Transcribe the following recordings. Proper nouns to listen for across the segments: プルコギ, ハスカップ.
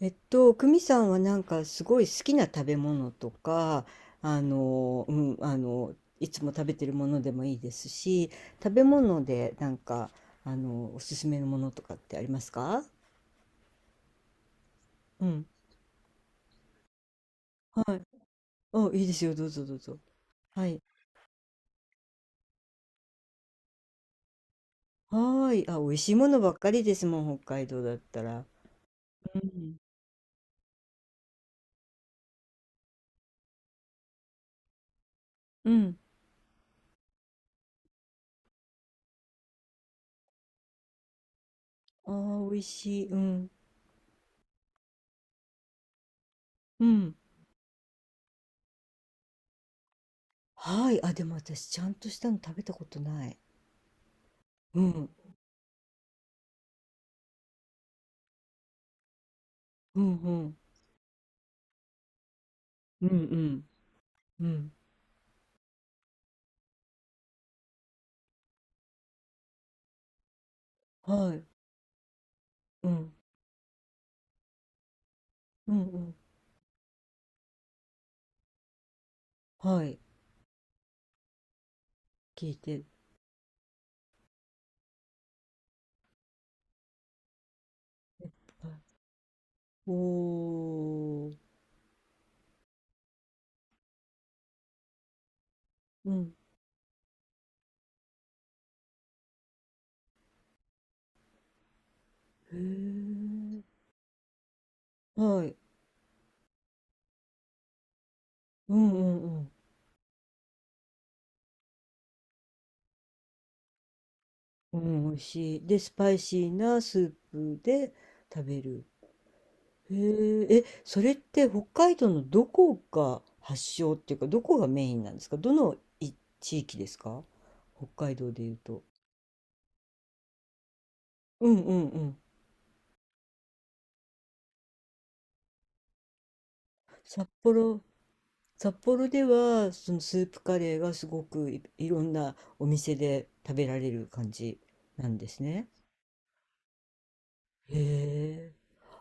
久美さんはなんかすごい好きな食べ物とか、あの、うん、あの、いつも食べてるものでもいいですし、食べ物でなんか、おすすめのものとかってありますか？うん。あ、いいですよ。どうぞどうぞ。はい。はーい。あ、美味しいものばっかりですもん、北海道だったら。うん。うん。あー、美味しい。うん。うん。はい。あ、でも私、ちゃんとしたの食べたことない。うん。うんうん。うんうん。うん。はい。うん、うん、うん、はい、聞いて、えはい、おー、うん、へえ、はい、うんうんうんはい聞いてはいおーうん、美味しい。で、スパイシーなスープで食べる。へえ、え、それって北海道のどこが発祥っていうか、どこがメインなんですか？どのい地域ですか？北海道でいうと。うんうんうん。札幌、札幌ではそのスープカレーがすごくい、いろんなお店で食べられる感じなんですね。へえ。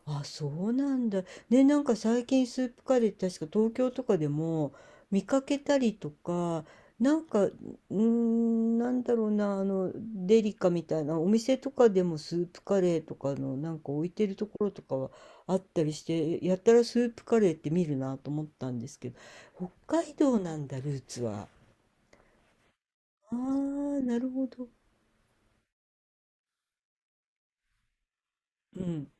あ、そうなんだ。ね、なんか最近スープカレーって確か東京とかでも見かけたりとか、なんか、うーん、なんだろうな、デリカみたいなお店とかでもスープカレーとかのなんか置いてるところとかはあったりして、やったらスープカレーって見るなと思ったんですけど、北海道なんだ、ルーツは。ああ、なるほど。うん、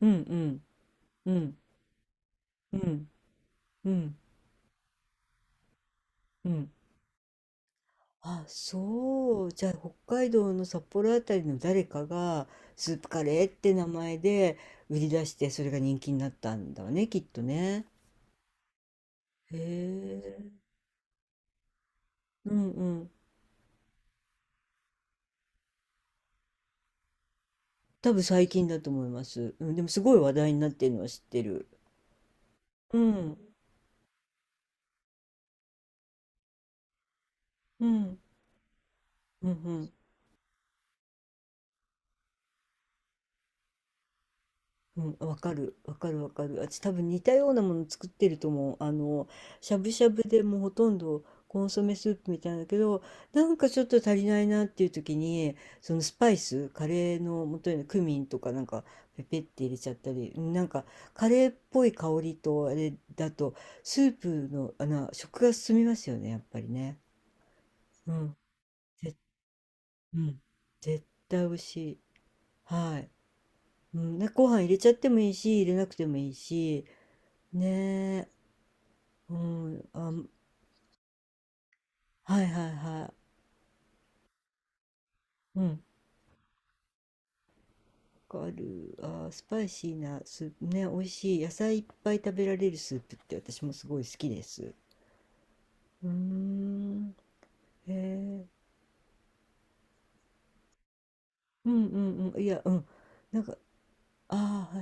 うん、うん、うん、うん、うん、うん。あ、そう。じゃあ、北海道の札幌あたりの誰かが、スープカレーって名前で売り出して、それが人気になったんだわね、きっとね。へえ。うんうん。多分最近だと思います。うん、でもすごい話題になってるのは知ってる。うん。うん。うんうん。うん、わかる、わかる、わかる。私多分似たようなもの作ってると思う。しゃぶしゃぶでもうほとんどコンソメスープみたいなんだけど、なんかちょっと足りないなっていう時に、そのスパイス、カレーの元にクミンとかなんかペペって入れちゃったり、なんかカレーっぽい香りとあれだと、スープの、食が進みますよね、やっぱりね。うん、ぜ、うん、絶対美味しい。はい。うん、なご飯入れちゃってもいいし、入れなくてもいいし、ねえ、うん、あ、はいはいはい、うん、わかる。あー、スパイシーなスープね、美味しい。野菜いっぱい食べられるスープって私もすごい好きです。うーん、へえ、うんうんうん、いや、うん、なんか、ああ、は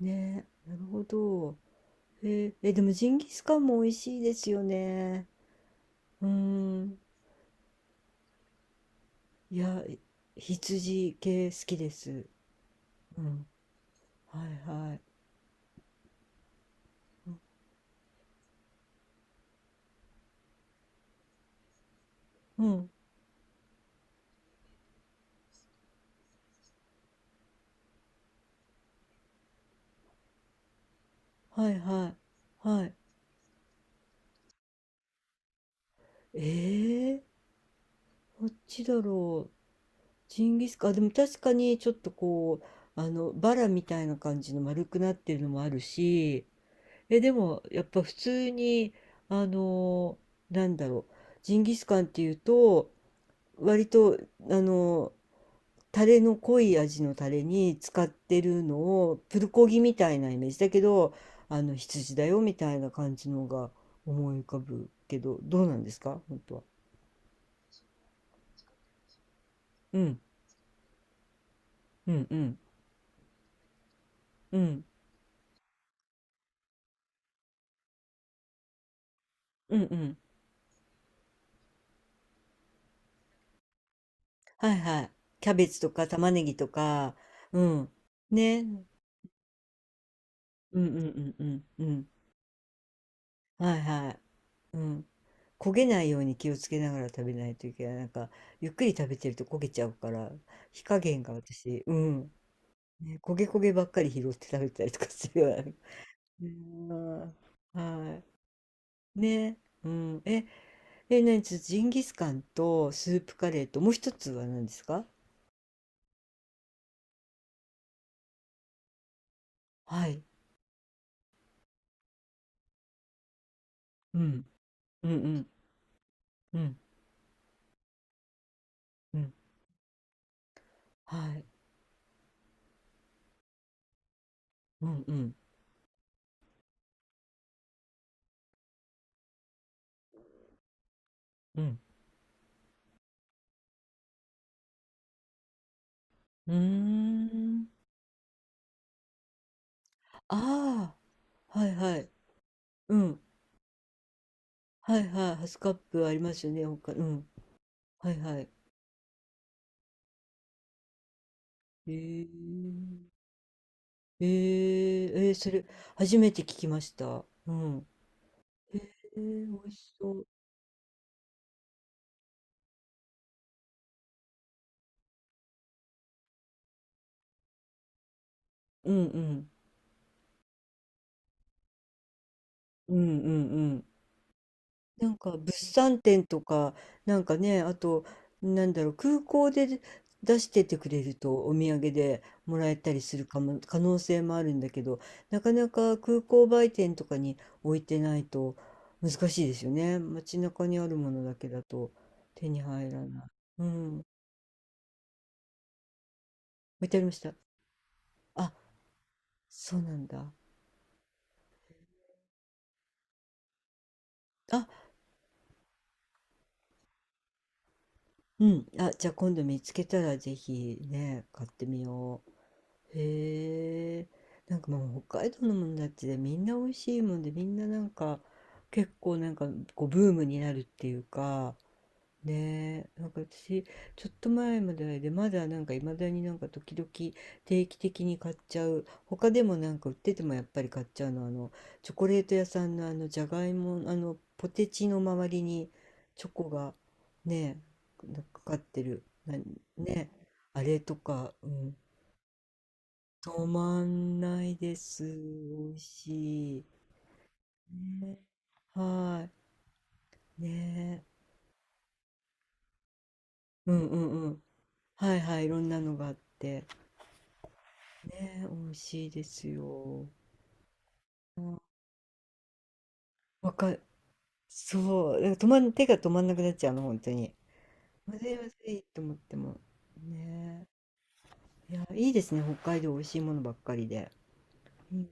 いねえ、なるほど。へえ、え、でもジンギスカンも美味しいですよね。うーん、いや、羊系好きです。うん、はいはい。うん、はいはい。はい。ええこっちだろう。ジンギスカン、あでも確かにちょっとこう、バラみたいな感じの丸くなってるのもあるし、え、でもやっぱ普通に、あの、なんだろう、ジンギスカンっていうと、割と、あの、タレの濃い味のタレに使ってるのを、プルコギみたいなイメージだけど、羊だよみたいな感じのが思い浮かぶけど、どうなんですか本当は。うん、うん、うん。うんうんうん。はいはい。キャベツとか玉ねぎとか、うん。ね。うんうんうんうんうん。はいはい。うん。焦げないように気をつけながら食べないといけない。なんか、ゆっくり食べてると焦げちゃうから、火加減が私、うん。ね、焦げ焦げばっかり拾って食べたりとかするような。うんはい。ね。うん。え、え、何ちょっとジンギスカンとスープカレーと、もう一つは何ですか？はい。うん。うんうん。うん。うん。はい。うんうんうん。うーん。ああ、はいはい。うん。はいはい。ハスカップありますよね、他。うん。はいはい。へえー。えーえーそれ、初めて聞きました。うん。えー、美味しそう。うんうん。うんうんうん。なんか物産展とか、なんかね、あと、なんだろう、空港で出しててくれるとお土産でもらえたりするかも、可能性もあるんだけど、なかなか空港売店とかに置いてないと難しいですよね。街中にあるものだけだと手に入らない。うん、置いてありました。あ、そうなんだ。あ、うん。あ、じゃあ今度見つけたらぜひね、買ってみよう。へえ、なんかもう北海道のもんだってみんな美味しいもんでみんななんか結構なんかこうブームになるっていうかねえなんか私ちょっと前まででまだなんかいまだになんか時々定期的に買っちゃう他でもなんか売っててもやっぱり買っちゃうのはあのチョコレート屋さんのあのじゃがいもあのポテチの周りにチョコがねえなんかかかってるなねえあれとか、うん、止まんないです。美味しい。ね、はい。ね。うんうんうん。はいはい。いろんなのがあって。ね、美味しいですよ。わかる、そう。だから止まん、手が止まんなくなっちゃうの、本当に。まずいまずいと思っても。ね。いや、いいですね。北海道美味しいものばっかりで。うん。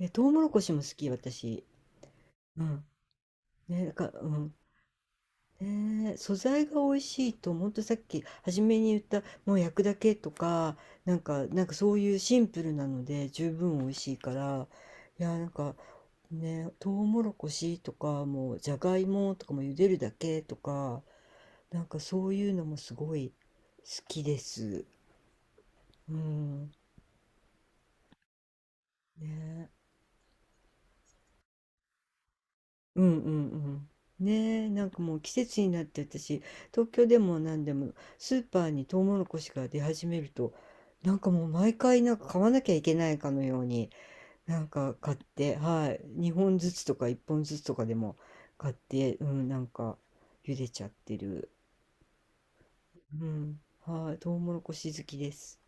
え、トウモロコシも好き、私。うん。ね、なんか、うん。ねえ、素材が美味しいと、ほんとさっき初めに言った、もう焼くだけとか、なんか、なんかそういうシンプルなので十分美味しいから、いや、なんかね、トウモロコシとか、もうじゃがいもとかも茹でるだけとか、なんかそういうのもすごい好きです。うん。ねうんうんうん。ねえ、なんかもう季節になって私、東京でも何でもスーパーにトウモロコシが出始めると、なんかもう毎回なんか買わなきゃいけないかのように、なんか買って、はい、2本ずつとか1本ずつとかでも買って、うん、なんか茹でちゃってる。うん、はい、トウモロコシ好きです。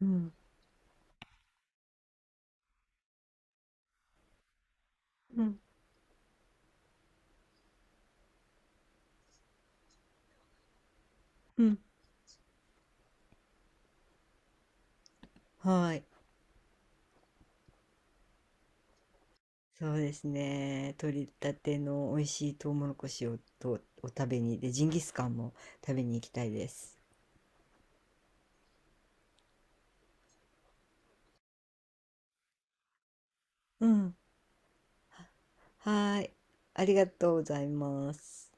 うん、うん、うん、はい。そうですね。取りたての美味しいトウモロコシをとお食べに、で、ジンギスカンも食べに行きたいです。うん。はーい。ありがとうございます。